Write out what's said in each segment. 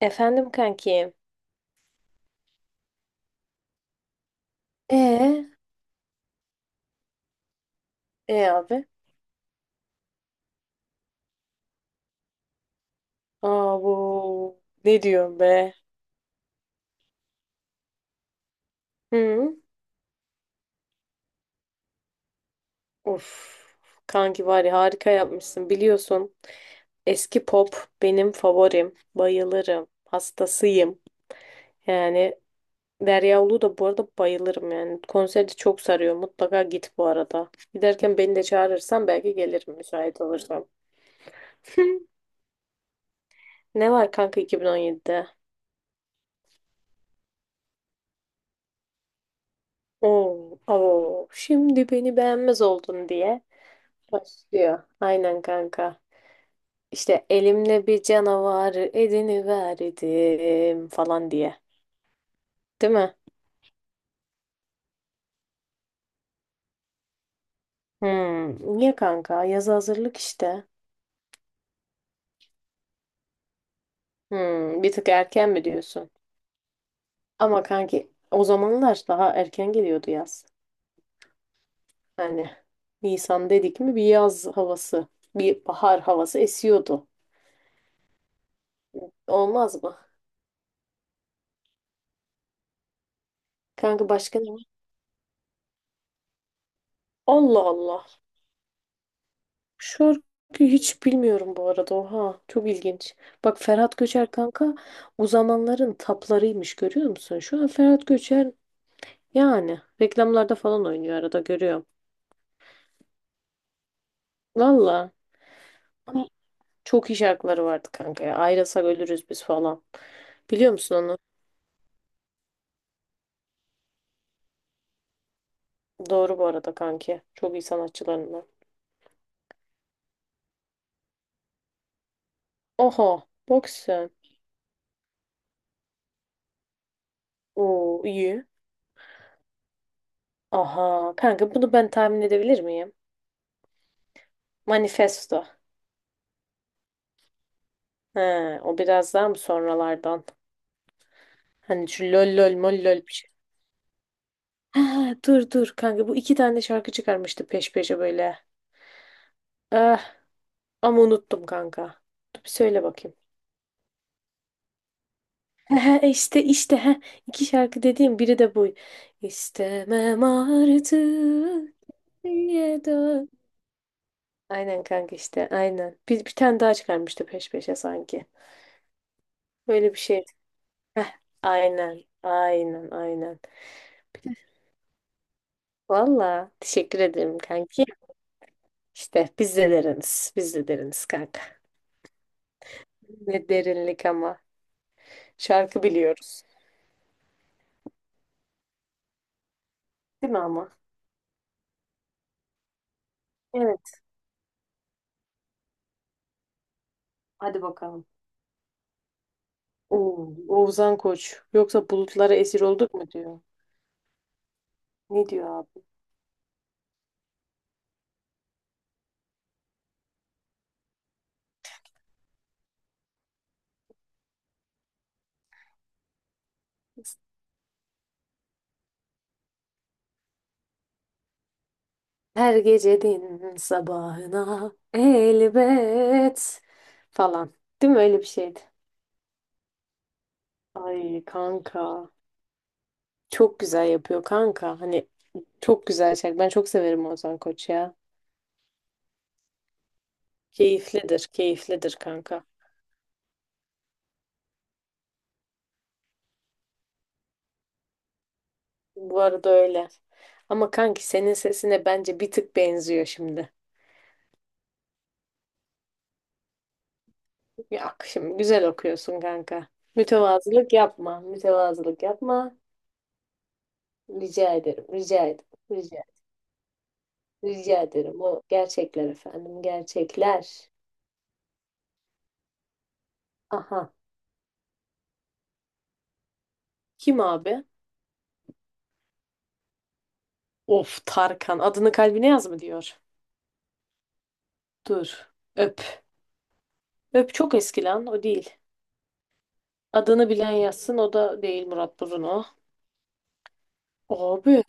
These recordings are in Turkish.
Efendim kanki. Ee, E abi. Aa bu ne diyorum be? Hı? Of. Kanki var ya, harika yapmışsın biliyorsun. Eski pop benim favorim. Bayılırım. Hastasıyım. Yani Derya Ulu da bu arada bayılırım yani. Konserde çok sarıyor. Mutlaka git bu arada. Giderken beni de çağırırsan belki gelirim müsait olursam. Ne var kanka 2017'de? Oo, oo, şimdi beni beğenmez oldun diye. Başlıyor. Aynen kanka. İşte elimle bir canavarı ediniverdim falan diye. Değil mi? Hmm. Niye kanka? Yazı hazırlık işte. Hmm. Bir tık erken mi diyorsun? Ama kanki o zamanlar daha erken geliyordu yaz. Hani Nisan dedik mi bir yaz havası, bir bahar havası esiyordu. Olmaz mı? Kanka başka ne var? Allah Allah. Şarkıyı hiç bilmiyorum bu arada. Oha, çok ilginç. Bak Ferhat Göçer kanka o zamanların taplarıymış, görüyor musun? Şu an Ferhat Göçer yani reklamlarda falan oynuyor, arada görüyorum. Valla ama çok iyi şarkıları vardı kanka ya. Ayrılsak ölürüz biz falan. Biliyor musun onu? Doğru bu arada kanki. Çok iyi sanatçılarından. Oha, bak sen. Oo iyi. Aha kanka, bunu ben tahmin edebilir miyim? Manifesto. He, o biraz daha mı sonralardan? Hani şu lol lol mol lol bir şey. Ha, dur dur kanka, bu iki tane şarkı çıkarmıştı peş peşe böyle. Ah, ama unuttum kanka. Dur bir söyle bakayım. Ha, işte işte ha, iki şarkı dediğim biri de bu. İstemem artık niye dön. Aynen kanka işte aynen. Bir tane daha çıkarmıştı peş peşe sanki. Böyle bir şey. Heh, aynen aynen aynen. Valla teşekkür ederim kanki. İşte biz de deriniz. Biz de deriniz kanka. Ne derinlik ama. Şarkı biliyoruz. Değil mi ama? Evet. Hadi bakalım. Oo, Oğuzhan Koç. Yoksa bulutlara esir olduk mu diyor. Ne diyor abi? Her gecenin sabahına elbet falan. Değil mi, öyle bir şeydi? Ay kanka. Çok güzel yapıyor kanka. Hani çok güzel şarkı. Ben çok severim Oğuzhan Koç ya. Keyiflidir, keyiflidir kanka. Bu arada öyle. Ama kanki senin sesine bence bir tık benziyor şimdi. Yok, şimdi güzel okuyorsun kanka. Mütevazılık yapma. Mütevazılık yapma. Rica ederim. Rica ederim. Rica, rica ederim. O gerçekler efendim. Gerçekler. Aha. Kim abi? Of Tarkan. Adını kalbine yaz mı diyor. Dur. Öp. Öp çok eski lan. O değil. Adını bilen yazsın. O da değil. Murat Bruno. Abi.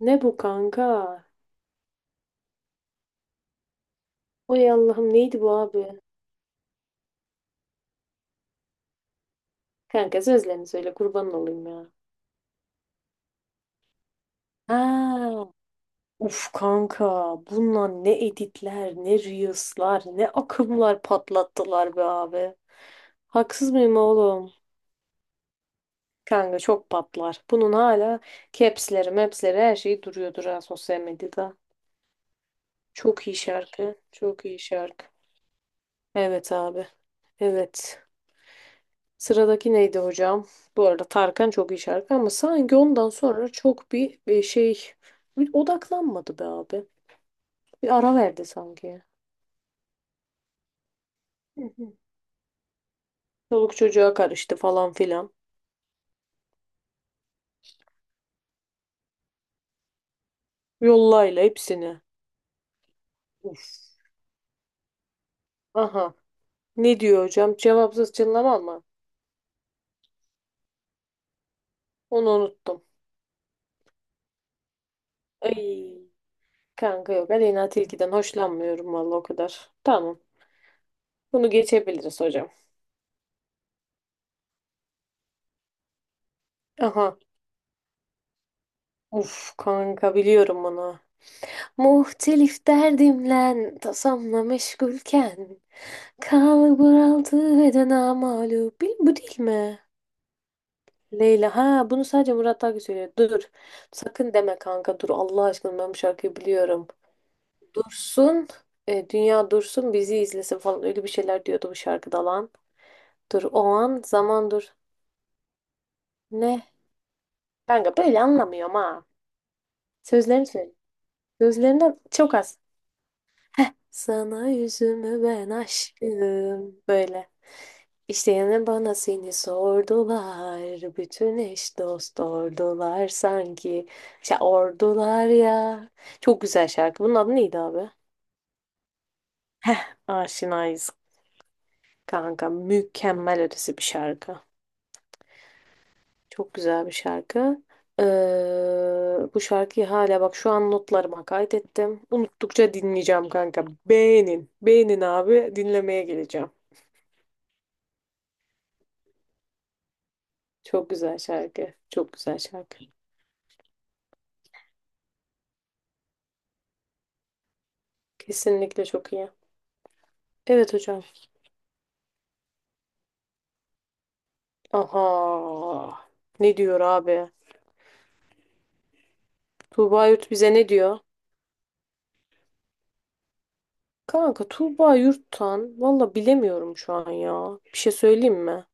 Ne bu kanka? Oy Allah'ım, neydi bu abi? Kanka sözlerini söyle, kurban olayım ya. Ha. Uf kanka, bununla ne editler, ne reels'lar, ne akımlar patlattılar be abi. Haksız mıyım oğlum? Kanka çok patlar. Bunun hala caps'leri maps'leri her şeyi duruyordur ha, sosyal medyada. Çok iyi şarkı. Çok iyi şarkı. Evet abi. Evet. Sıradaki neydi hocam? Bu arada Tarkan çok iyi şarkı ama sanki ondan sonra çok bir şey, bir odaklanmadı be abi. Bir ara verdi sanki. Çoluk çocuğa karıştı falan filan. Yollayla hepsini. Uf. Aha. Ne diyor hocam? Cevapsız çınlama mı? Onu unuttum. Ay. Kanka yok. Aleyna Tilki'den hoşlanmıyorum vallahi o kadar. Tamam. Bunu geçebiliriz hocam. Aha. Uf kanka, biliyorum bunu. Muhtelif derdimle tasamla meşgulken kalbur altı beden amalu. Bil, bu değil mi? Leyla. Ha, bunu sadece Murat Akgül söylüyor. Dur. Sakın deme kanka, dur. Allah aşkına ben bu şarkıyı biliyorum. Dursun. Dünya dursun bizi izlesin falan. Öyle bir şeyler diyordu bu şarkıda lan. Dur o an zaman dur. Ne? Kanka böyle anlamıyorum ha. Sözlerini söyle. Sözlerinden çok az. Heh. Sana yüzümü ben aşkım. Böyle. İşte yine bana seni sordular, bütün eş dost ordular sanki. İşte ordular ya. Çok güzel şarkı. Bunun adı neydi abi? Heh, Aşinayız kanka. Mükemmel ötesi bir şarkı. Çok güzel bir şarkı. Ee, Bu şarkıyı hala bak şu an notlarıma kaydettim. Unuttukça dinleyeceğim kanka. Beğenin. Beğenin abi. Dinlemeye geleceğim. Çok güzel şarkı. Çok güzel şarkı. Kesinlikle çok iyi. Evet hocam. Aha. Ne diyor abi? Tuğba Yurt bize ne diyor? Kanka Tuğba Yurt'tan valla bilemiyorum şu an ya. Bir şey söyleyeyim mi?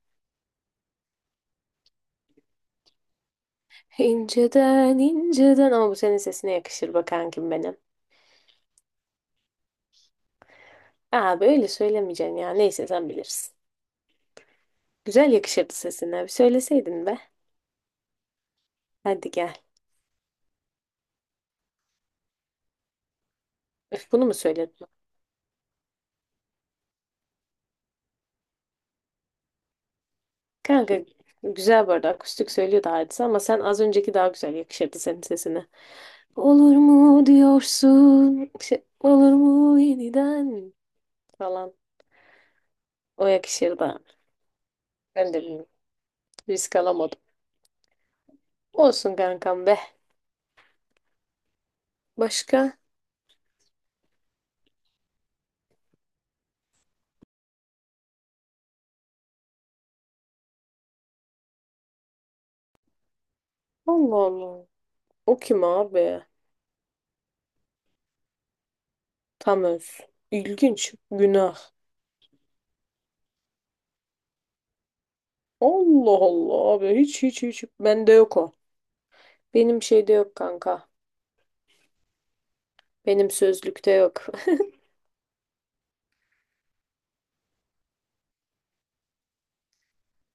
İnceden inceden, ama bu senin sesine yakışır be kankim benim. Abi öyle söylemeyeceksin ya. Neyse sen bilirsin. Güzel yakışırdı sesine. Bir söyleseydin be. Hadi gel. Öf, bunu mu söyledin? Kanka güzel bu arada, akustik söylüyordu Hadise ama sen az önceki daha güzel yakışırdı senin sesine. Olur mu diyorsun? Şey, olur mu yeniden falan. O yakışır da. Ben de bilmiyorum. Risk alamadım. Olsun kankam be. Başka? Allah Allah. O kim abi? Tam öz. İlginç. Günah. Allah Allah abi. Hiç hiç hiç. Bende yok o. Benim şeyde yok kanka. Benim sözlükte yok.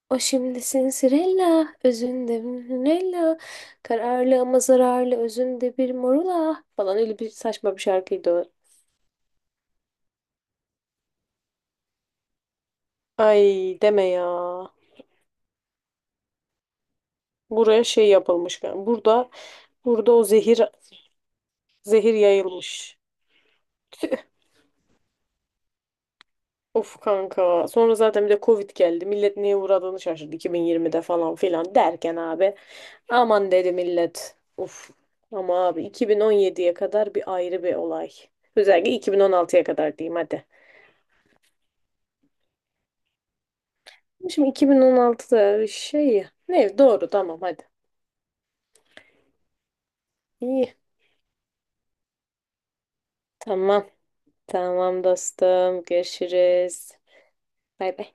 O şimdi sinsirella. Özünde Nella. Kararlı ama zararlı özünde bir morula falan, öyle bir saçma bir şarkıydı o. Ay deme ya. Buraya şey yapılmış. Burada burada o zehir zehir yayılmış. Of kanka. Sonra zaten bir de Covid geldi. Millet neye uğradığını şaşırdı 2020'de falan filan derken abi. Aman dedi millet. Of. Ama abi 2017'ye kadar bir ayrı bir olay. Özellikle 2016'ya kadar diyeyim hadi. Şimdi 2016'da şey ne doğru tamam hadi. İyi. Tamam. Tamam dostum. Görüşürüz. Bay bay.